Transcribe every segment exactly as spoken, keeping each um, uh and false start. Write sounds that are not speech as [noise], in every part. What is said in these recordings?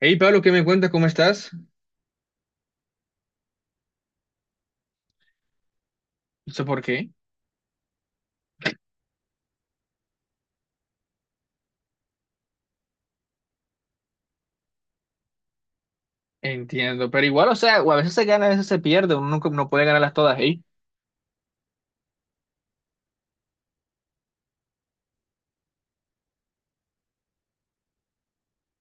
Hey Pablo, ¿qué me cuentas? ¿Cómo estás? No sé por qué. Entiendo, pero igual, o sea, o a veces se gana, a veces se pierde, uno nunca no puede ganarlas todas, ¿eh?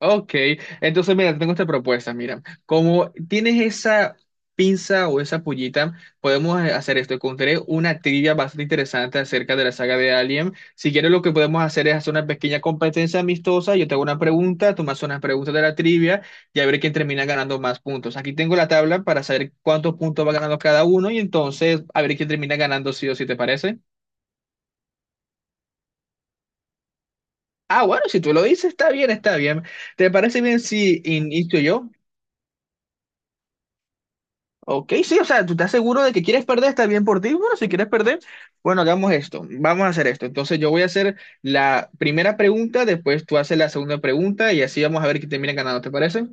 Ok, entonces mira, te tengo esta propuesta, mira, como tienes esa pinza o esa pullita, podemos eh, hacer esto, encontré una trivia bastante interesante acerca de la saga de Alien, si quieres lo que podemos hacer es hacer una pequeña competencia amistosa, yo te hago una pregunta, tú me haces unas preguntas de la trivia y a ver quién termina ganando más puntos. Aquí tengo la tabla para saber cuántos puntos va ganando cada uno y entonces a ver quién termina ganando sí o sí, ¿te parece? Ah, bueno, si tú lo dices, está bien, está bien. ¿Te parece bien si inicio yo? Ok, sí, o sea, tú estás seguro de que quieres perder, está bien por ti. Bueno, si quieres perder, bueno, hagamos esto, vamos a hacer esto. Entonces yo voy a hacer la primera pregunta, después tú haces la segunda pregunta y así vamos a ver quién termina ganando, ¿te parece?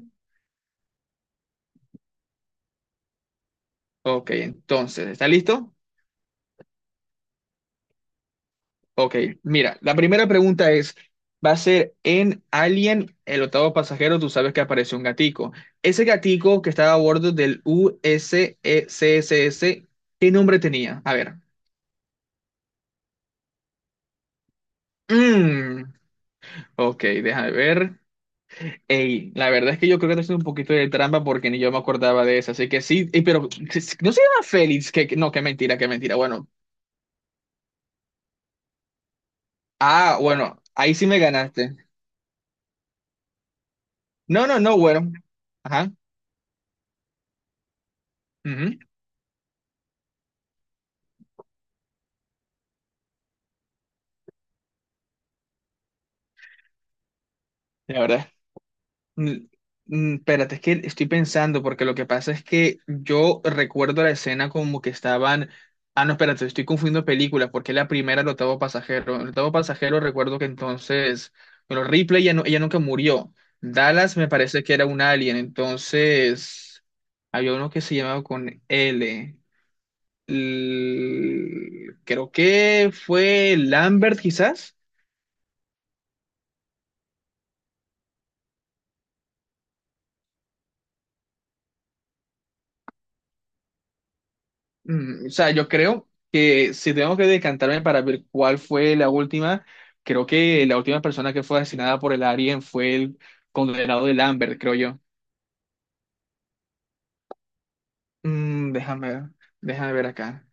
Ok, entonces, ¿está listo? Ok, mira, la primera pregunta es, va a ser en Alien, el octavo pasajero, tú sabes que apareció un gatico. Ese gatico que estaba a bordo del USECSS, ¿qué nombre tenía? A ver. Mm, ok, déjame ver. Ey, la verdad es que yo creo que te haces un poquito de trampa porque ni yo me acordaba de eso. Así que sí, ey, pero si- si- no se llama Félix, que que- no, qué mentira, qué mentira. Bueno, ah, bueno, ahí sí me ganaste. No, no, no, bueno. Ajá. Ujú, la verdad. Mm, mm, Espérate, es que estoy pensando, porque lo que pasa es que yo recuerdo la escena como que estaban. Ah, no, espérate, estoy confundiendo películas, porque la primera el octavo pasajero. El octavo pasajero recuerdo que entonces. Bueno, Ripley ella, no, ella nunca murió. Dallas me parece que era un alien, entonces. Había uno que se llamaba con L. L- creo que fue Lambert, quizás. Mm, o sea, yo creo que si tengo que decantarme para ver cuál fue la última, creo que la última persona que fue asesinada por el Alien fue el condenado de Lambert, creo yo. Mm, déjame ver, déjame ver acá.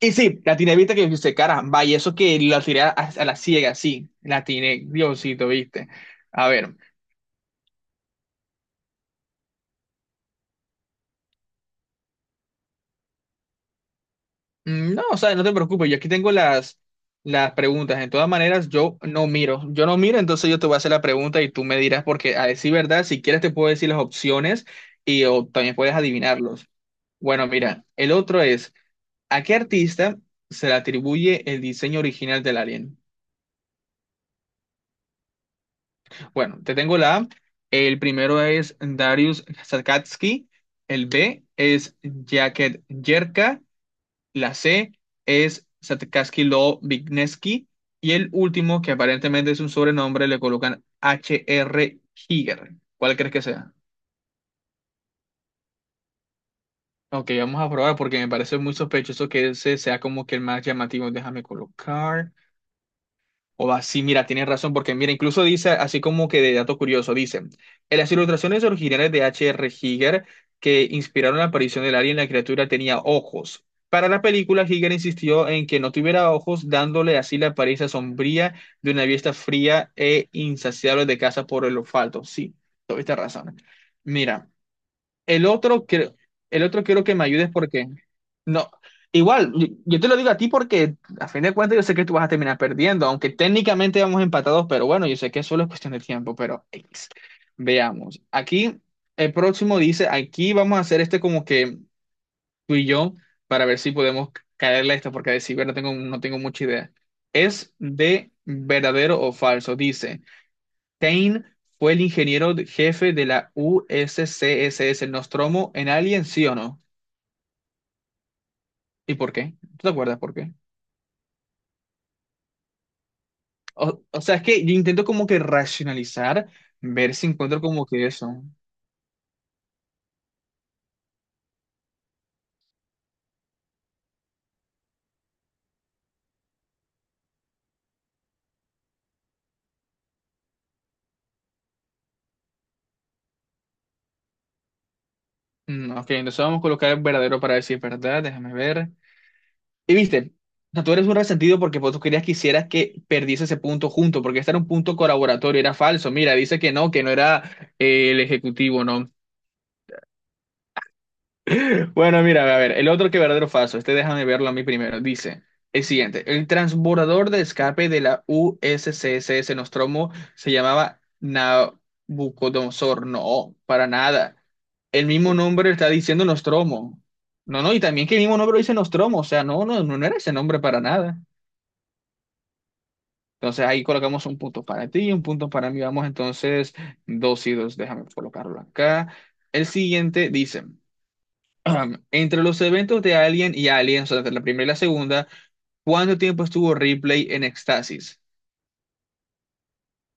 Y sí, la tiene vista que dice, caramba, y eso que la tiré a, a la ciega, sí, la tiene, Diosito, viste. A ver. Mm, No, o sea, no te preocupes, yo aquí tengo las, las preguntas. En todas maneras, yo no miro. Yo no miro, entonces yo te voy a hacer la pregunta y tú me dirás, porque a decir verdad, si quieres te puedo decir las opciones y o también puedes adivinarlos. Bueno, mira, el otro es, ¿a qué artista se le atribuye el diseño original del Alien? Bueno, te tengo la A. El primero es Darius Sakatsky, el B es Jacket Jerka, la C es Satkarsky Lo Vigneski. Y el último, que aparentemente es un sobrenombre, le colocan H R Giger. ¿Cuál crees que sea? Ok, vamos a probar porque me parece muy sospechoso que ese sea como que el más llamativo. Déjame colocar. O va, sí, mira, tienes razón, porque mira, incluso dice, así como que de dato curioso, dice, en las ilustraciones originales de H R. Giger que inspiraron la aparición del alien, la criatura tenía ojos. Para la película, Giger insistió en que no tuviera ojos, dándole así la apariencia sombría de una vista fría e insaciable de caza por el olfato. Sí, tuviste razón. Mira. El otro, creo- el otro quiero que me ayudes porque no. Igual, yo, yo te lo digo a ti porque a fin de cuentas yo sé que tú vas a terminar perdiendo, aunque técnicamente vamos empatados, pero bueno, yo sé que solo es cuestión de tiempo, pero ex, veamos. Aquí el próximo dice, aquí vamos a hacer este como que tú y yo para ver si podemos caerle a esto porque de ciber no tengo, no tengo mucha idea. Es de verdadero o falso, dice. Stein fue el ingeniero de- jefe de la U S C S S Nostromo en Alien, ¿sí o no? ¿Y por qué? ¿Tú te acuerdas por qué? O, o sea, es que yo intento como que racionalizar, ver si encuentro como que eso. Mm, ok, entonces vamos a colocar el verdadero para decir verdad, déjame ver. Y viste, o sea, tú eres un resentido porque vos querías que hicieras que perdiese ese punto junto, porque este era un punto colaboratorio, era falso. Mira, dice que no, que no era eh, el ejecutivo, ¿no? Bueno, mira, a ver, el otro que verdadero o falso, este déjame verlo a mí primero. Dice el siguiente: el transbordador de escape de la U S C S S Nostromo se llamaba Nabucodonosor. No, para nada. El mismo nombre está diciendo Nostromo. No, no, y también que el mismo nombre lo dice Nostromo, o sea, no, no, no no era ese nombre para nada. Entonces ahí colocamos un punto para ti y un punto para mí. Vamos entonces dos y dos, déjame colocarlo acá. El siguiente dice. [clears throat] Entre los eventos de Alien y Aliens, o sea, entre la primera y la segunda, ¿cuánto tiempo estuvo Ripley en éxtasis?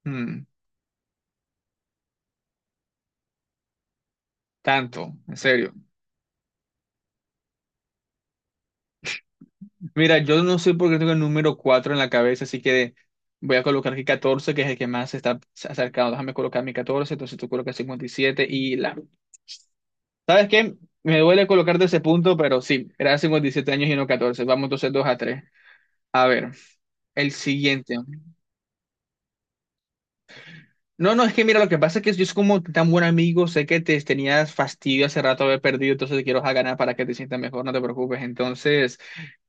Hmm, tanto, en serio. Mira, yo no sé por qué tengo el número cuatro en la cabeza, así que voy a colocar aquí catorce, que es el que más se está acercado. Déjame colocar mi catorce, entonces tú colocas cincuenta y siete y la. ¿Sabes qué? Me duele colocarte ese punto, pero sí, era cincuenta y siete años y no catorce. Vamos entonces dos a tres. A ver, el siguiente. No, no, es que mira, lo que pasa es que yo es como tan buen amigo, sé que te tenías fastidio hace rato de haber perdido, entonces te quiero a ganar para que te sientas mejor, no te preocupes. Entonces,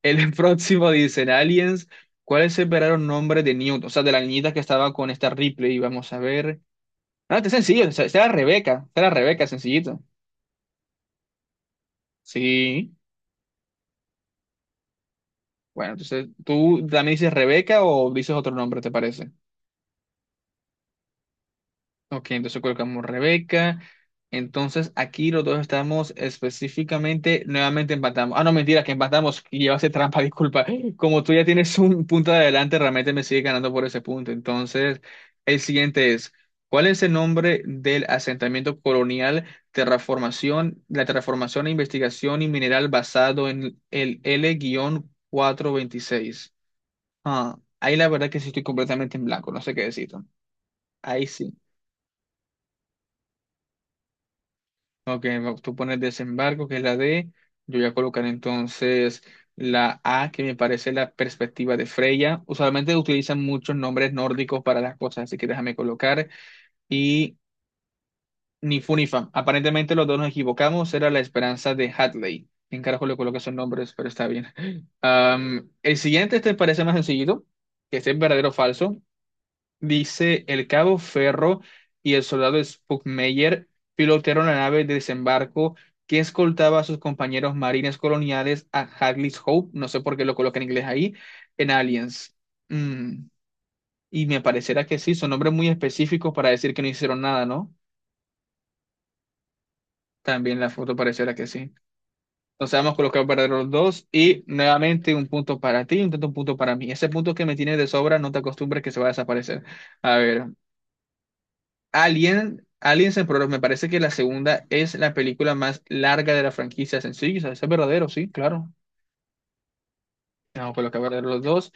el [laughs] próximo dicen Aliens, ¿cuál es el verdadero nombre de Newt? O sea, de la niñita que estaba con esta Ripley, y vamos a ver. No, este es sencillo, esta esta era Rebeca, esta era Rebeca, sencillito. Sí, bueno, entonces, ¿tú también dices Rebeca o dices otro nombre, te parece? Ok, entonces colocamos Rebeca. Entonces aquí los dos estamos específicamente, nuevamente empatamos. Ah, no, mentira, que empatamos y llevaste trampa, [laughs] disculpa. Como tú ya tienes un punto de adelante, realmente me sigue ganando por ese punto. Entonces, el siguiente es, ¿cuál es el nombre del asentamiento colonial, terraformación, la terraformación e investigación y mineral basado en el l cuatrocientos veintiséis? Ah, ahí la verdad que sí estoy completamente en blanco, no sé qué decirte. Ahí sí. Ok, va- tú pones desembarco, que es la D. Yo voy a colocar entonces la A, que me parece la perspectiva de Freya. Usualmente utilizan muchos nombres nórdicos para las cosas, así que déjame colocar. Y ni fu ni fa. Aparentemente los dos nos equivocamos. Era la esperanza de Hadley. En carajo le coloqué esos nombres, pero está bien. [gasps] Am, el siguiente este parece más sencillo, que este es verdadero o falso. Dice el cabo Ferro y el soldado Spuckmeyer pilotearon la nave de desembarco que escoltaba a sus compañeros marines coloniales a Hagley's Hope, no sé por qué lo coloca en inglés ahí, en Aliens. Mm, Y me parecerá que sí, son nombres muy específicos para decir que no hicieron nada, ¿no? También la foto parecerá que sí. Entonces vamos a colocar para los dos y nuevamente un punto para ti y un tanto un punto para mí. Ese punto que me tienes de sobra, no te acostumbres que se va a desaparecer. A ver, Alien, Aliens en Progreso, me parece que la segunda es la película más larga de la franquicia. Sencillo, eso es verdadero, sí, claro. Vamos a colocar verdadero los dos.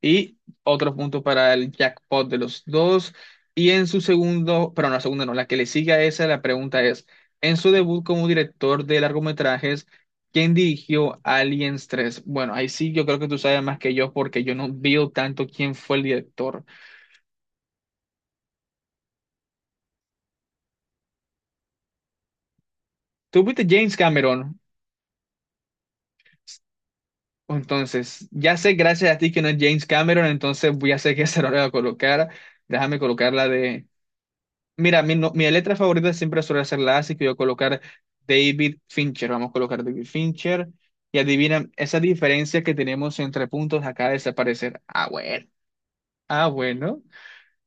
Y otro punto para el jackpot de los dos. Y en su segundo, pero no, la segunda no, la que le sigue a esa, la pregunta es, en su debut como director de largometrajes, ¿quién dirigió Aliens tres? Bueno, ahí sí yo creo que tú sabes más que yo porque yo no veo tanto quién fue el director. ¿Tú viste James Cameron? Entonces, ya sé, gracias a ti que no es James Cameron, entonces voy a sé qué [laughs] se lo voy a colocar. Déjame colocar la de. Mira, mi, no- mi letra favorita siempre suele ser la A, así que voy a colocar David Fincher. Vamos a colocar David Fincher. Y adivina, esa diferencia que tenemos entre puntos acaba de desaparecer. Ah, bueno. Ah, bueno.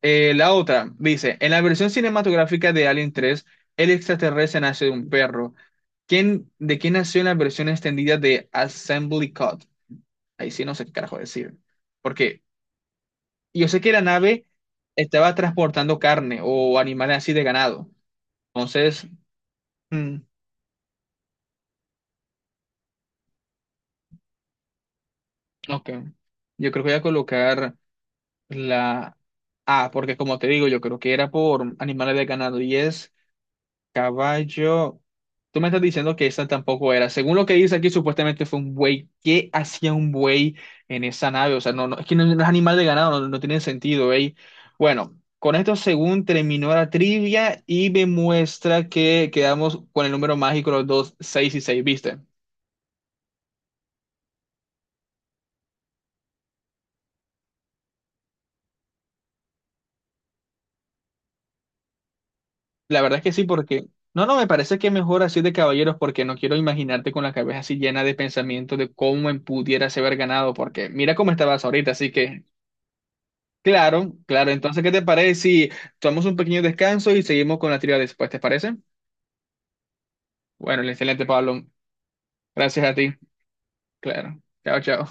Eh, la otra dice: en la versión cinematográfica de Alien tres el extraterrestre nace de un perro. ¿Quién, de quién nació en la versión extendida de Assembly Cut? Ahí sí no sé qué carajo decir. Porque yo sé que la nave estaba transportando carne o animales así de ganado. Entonces, mm, ok. Yo creo que voy a colocar la A, porque como te digo, yo creo que era por animales de ganado y es Caballo. Tú me estás diciendo que esa tampoco era. Según lo que dice aquí, supuestamente fue un buey. ¿Qué hacía un buey en esa nave? O sea, no, no, es que no, no es animal de ganado, no, no tiene sentido, ¿eh? Bueno, con esto, según terminó la trivia y me muestra que quedamos con el número mágico, los dos, seis y seis, ¿viste? La verdad es que sí, porque. No, no, me parece que mejor así de caballeros, porque no quiero imaginarte con la cabeza así llena de pensamientos de cómo me pudieras haber ganado, porque mira cómo estabas ahorita, así que. Claro, claro. Entonces, ¿qué te parece si tomamos un pequeño descanso y seguimos con la trivia después? ¿Te parece? Bueno, excelente, Pablo. Gracias a ti. Claro. Chao, chao.